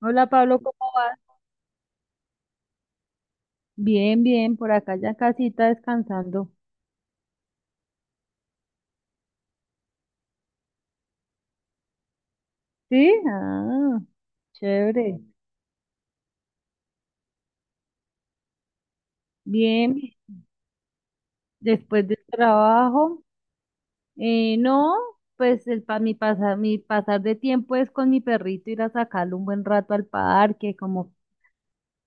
Hola Pablo, ¿cómo vas? Bien, bien, por acá ya casita descansando. ¿Sí? Ah, chévere. Bien, después del trabajo. No, pues el pa mi pasar de tiempo es con mi perrito ir a sacarlo un buen rato al parque, como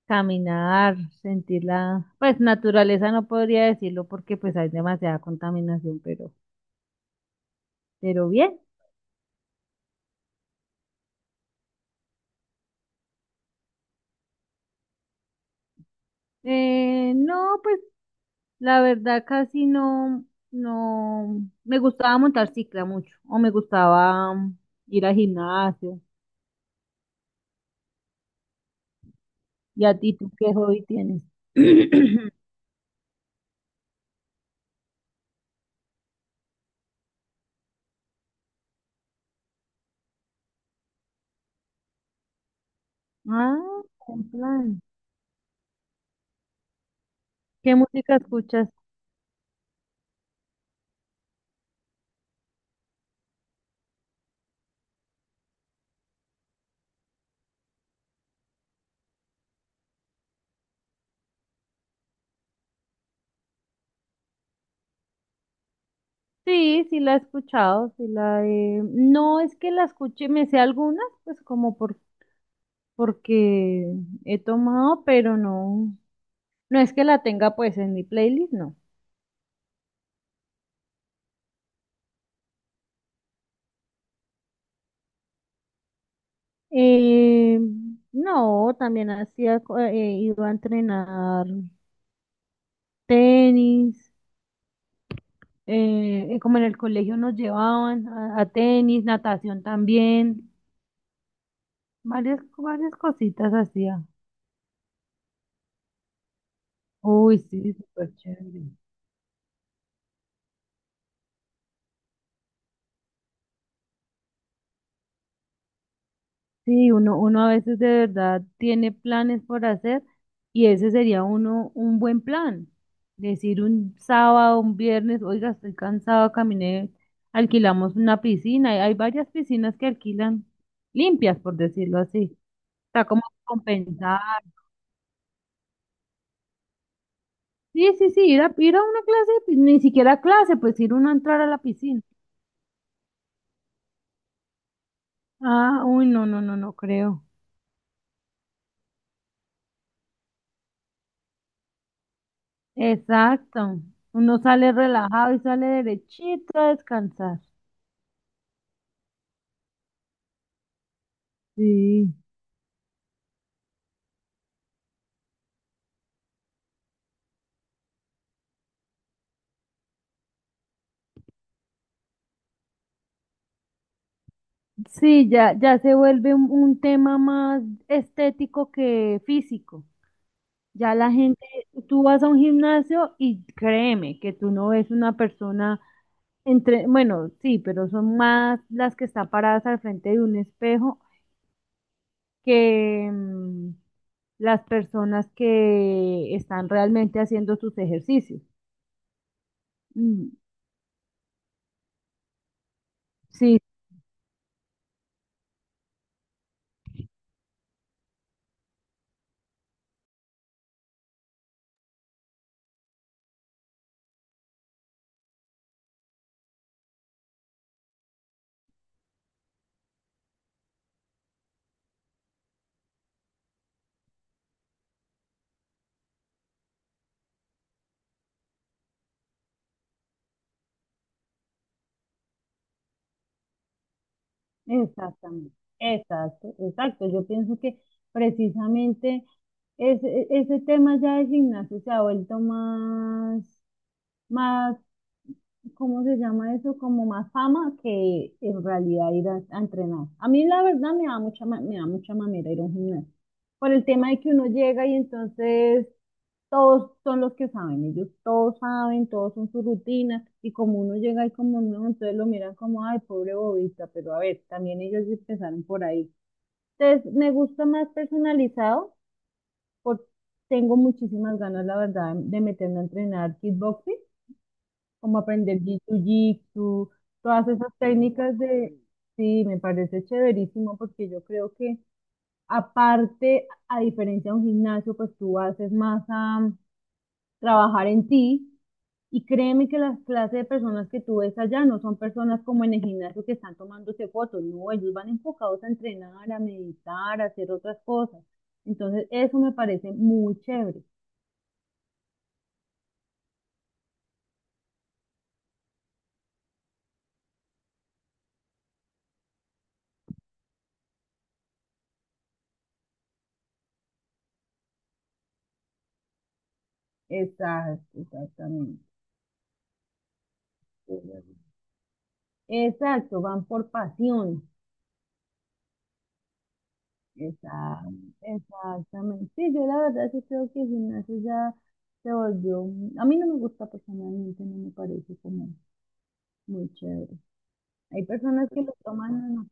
caminar, sentir pues naturaleza no podría decirlo porque pues hay demasiada contaminación, pero, bien. No, pues la verdad, casi no, me gustaba montar cicla mucho, o me gustaba ir al gimnasio. ¿Y a ti, tú qué hobby tienes? Ah, en plan. ¿Qué música escuchas? Sí, sí la he escuchado, sí la he... No es que la escuche, me sé algunas, pues porque he tomado, pero no, no es que la tenga pues en mi playlist, no. Eh, no, también hacía, iba a entrenar tenis, como en el colegio nos llevaban a tenis, natación también, varias cositas hacía. Uy, sí, súper chévere. Sí, uno a veces de verdad tiene planes por hacer y ese sería uno un buen plan. Decir un sábado, un viernes, oiga, estoy cansado, caminé, alquilamos una piscina. Hay varias piscinas que alquilan limpias, por decirlo así. Está como compensar. Sí, sí, sí, ir a una clase, de pi- ni siquiera clase, pues ir uno a entrar a la piscina. Ah, uy, no, no, no, no creo. Exacto. Uno sale relajado y sale derechito a descansar. Sí. Sí, ya se vuelve un tema más estético que físico. Ya la gente, tú vas a un gimnasio y créeme que tú no ves una persona entre, bueno, sí, pero son más las que están paradas al frente de un espejo que las personas que están realmente haciendo sus ejercicios. Mm, sí, exactamente, exacto, exacto. Yo pienso que precisamente ese tema ya de gimnasio se ha vuelto más, ¿cómo se llama eso? Como más fama que en realidad a entrenar. A mí la verdad me da me da mucha mamera ir a un gimnasio. Por el tema de que uno llega y entonces todos son los que saben, ellos todos saben, todos son su rutina, y como uno llega y como no, entonces lo miran como, ay, pobre bobista, pero a ver, también ellos empezaron por ahí. Entonces, me gusta más personalizado, porque tengo muchísimas ganas, la verdad, de meterme a entrenar kickboxing, como aprender jiu-jitsu, todas esas técnicas de, sí, me parece chéverísimo, porque yo creo que, aparte, a diferencia de un gimnasio, pues tú haces más trabajar en ti. Y créeme que las clases de personas que tú ves allá no son personas como en el gimnasio que están tomándose fotos, no, ellos van enfocados a entrenar, a meditar, a hacer otras cosas. Entonces, eso me parece muy chévere. Exacto, exactamente. Exacto, van por pasión. Exacto, exactamente. Sí, yo la verdad sí creo que el gimnasio ya se volvió. A mí no me gusta personalmente, no me parece como muy chévere. Hay personas que lo toman en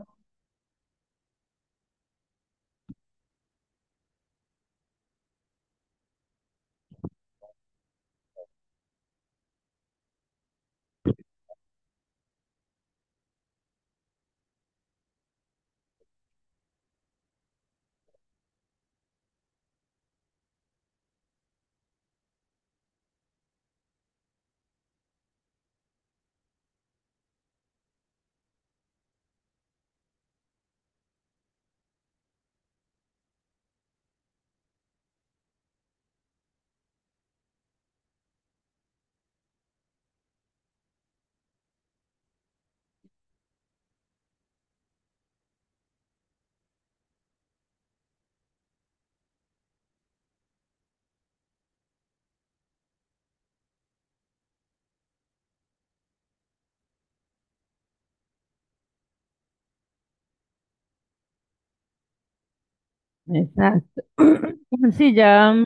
exacto. Sí, ya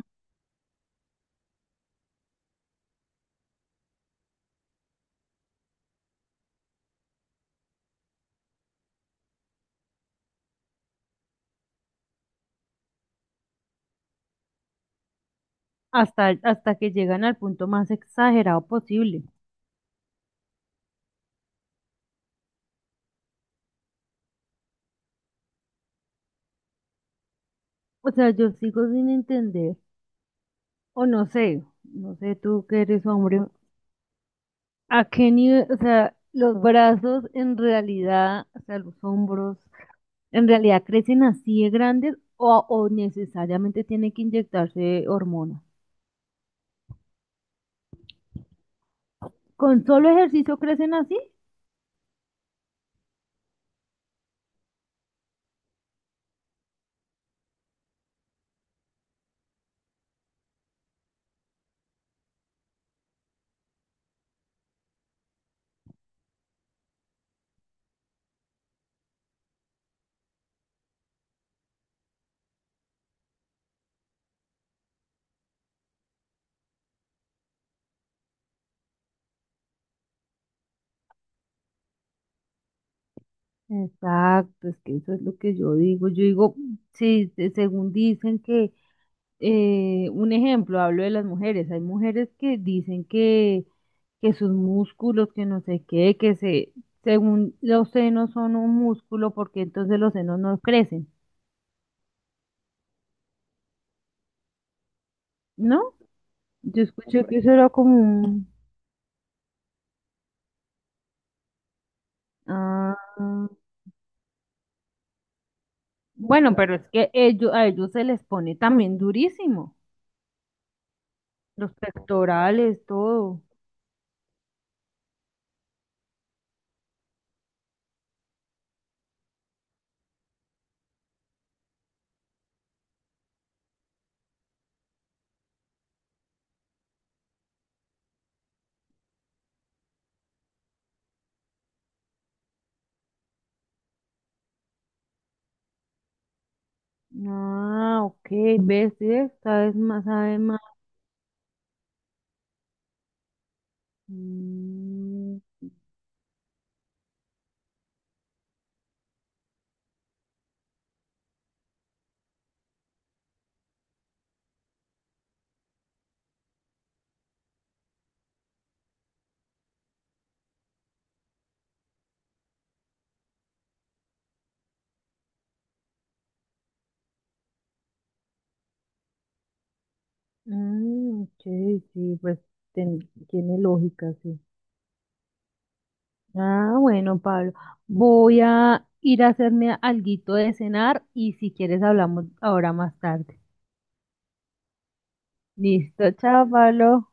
hasta, hasta que llegan al punto más exagerado posible. O sea, yo sigo sin entender, o no sé, no sé tú que eres hombre, a qué nivel, o sea, los brazos en realidad, o sea, los hombros, en realidad crecen así de grandes o necesariamente tienen que inyectarse hormonas. ¿Con solo ejercicio crecen así? Exacto, es que eso es lo que yo digo. Yo digo, sí, según dicen que un ejemplo, hablo de las mujeres. Hay mujeres que dicen que sus músculos, que no sé qué, según los senos son un músculo, porque entonces los senos no crecen, ¿no? Yo escuché que eso era como un... Ah, bueno, pero es que ellos, a ellos se les pone también durísimo, los pectorales, todo. Ah, ok, ves, esta vez más, sabes más. Mm, mm, ok, sí, pues tiene lógica, sí. Ah, bueno, Pablo, voy a ir a hacerme alguito de cenar y si quieres hablamos ahora más tarde. Listo, chao, Pablo.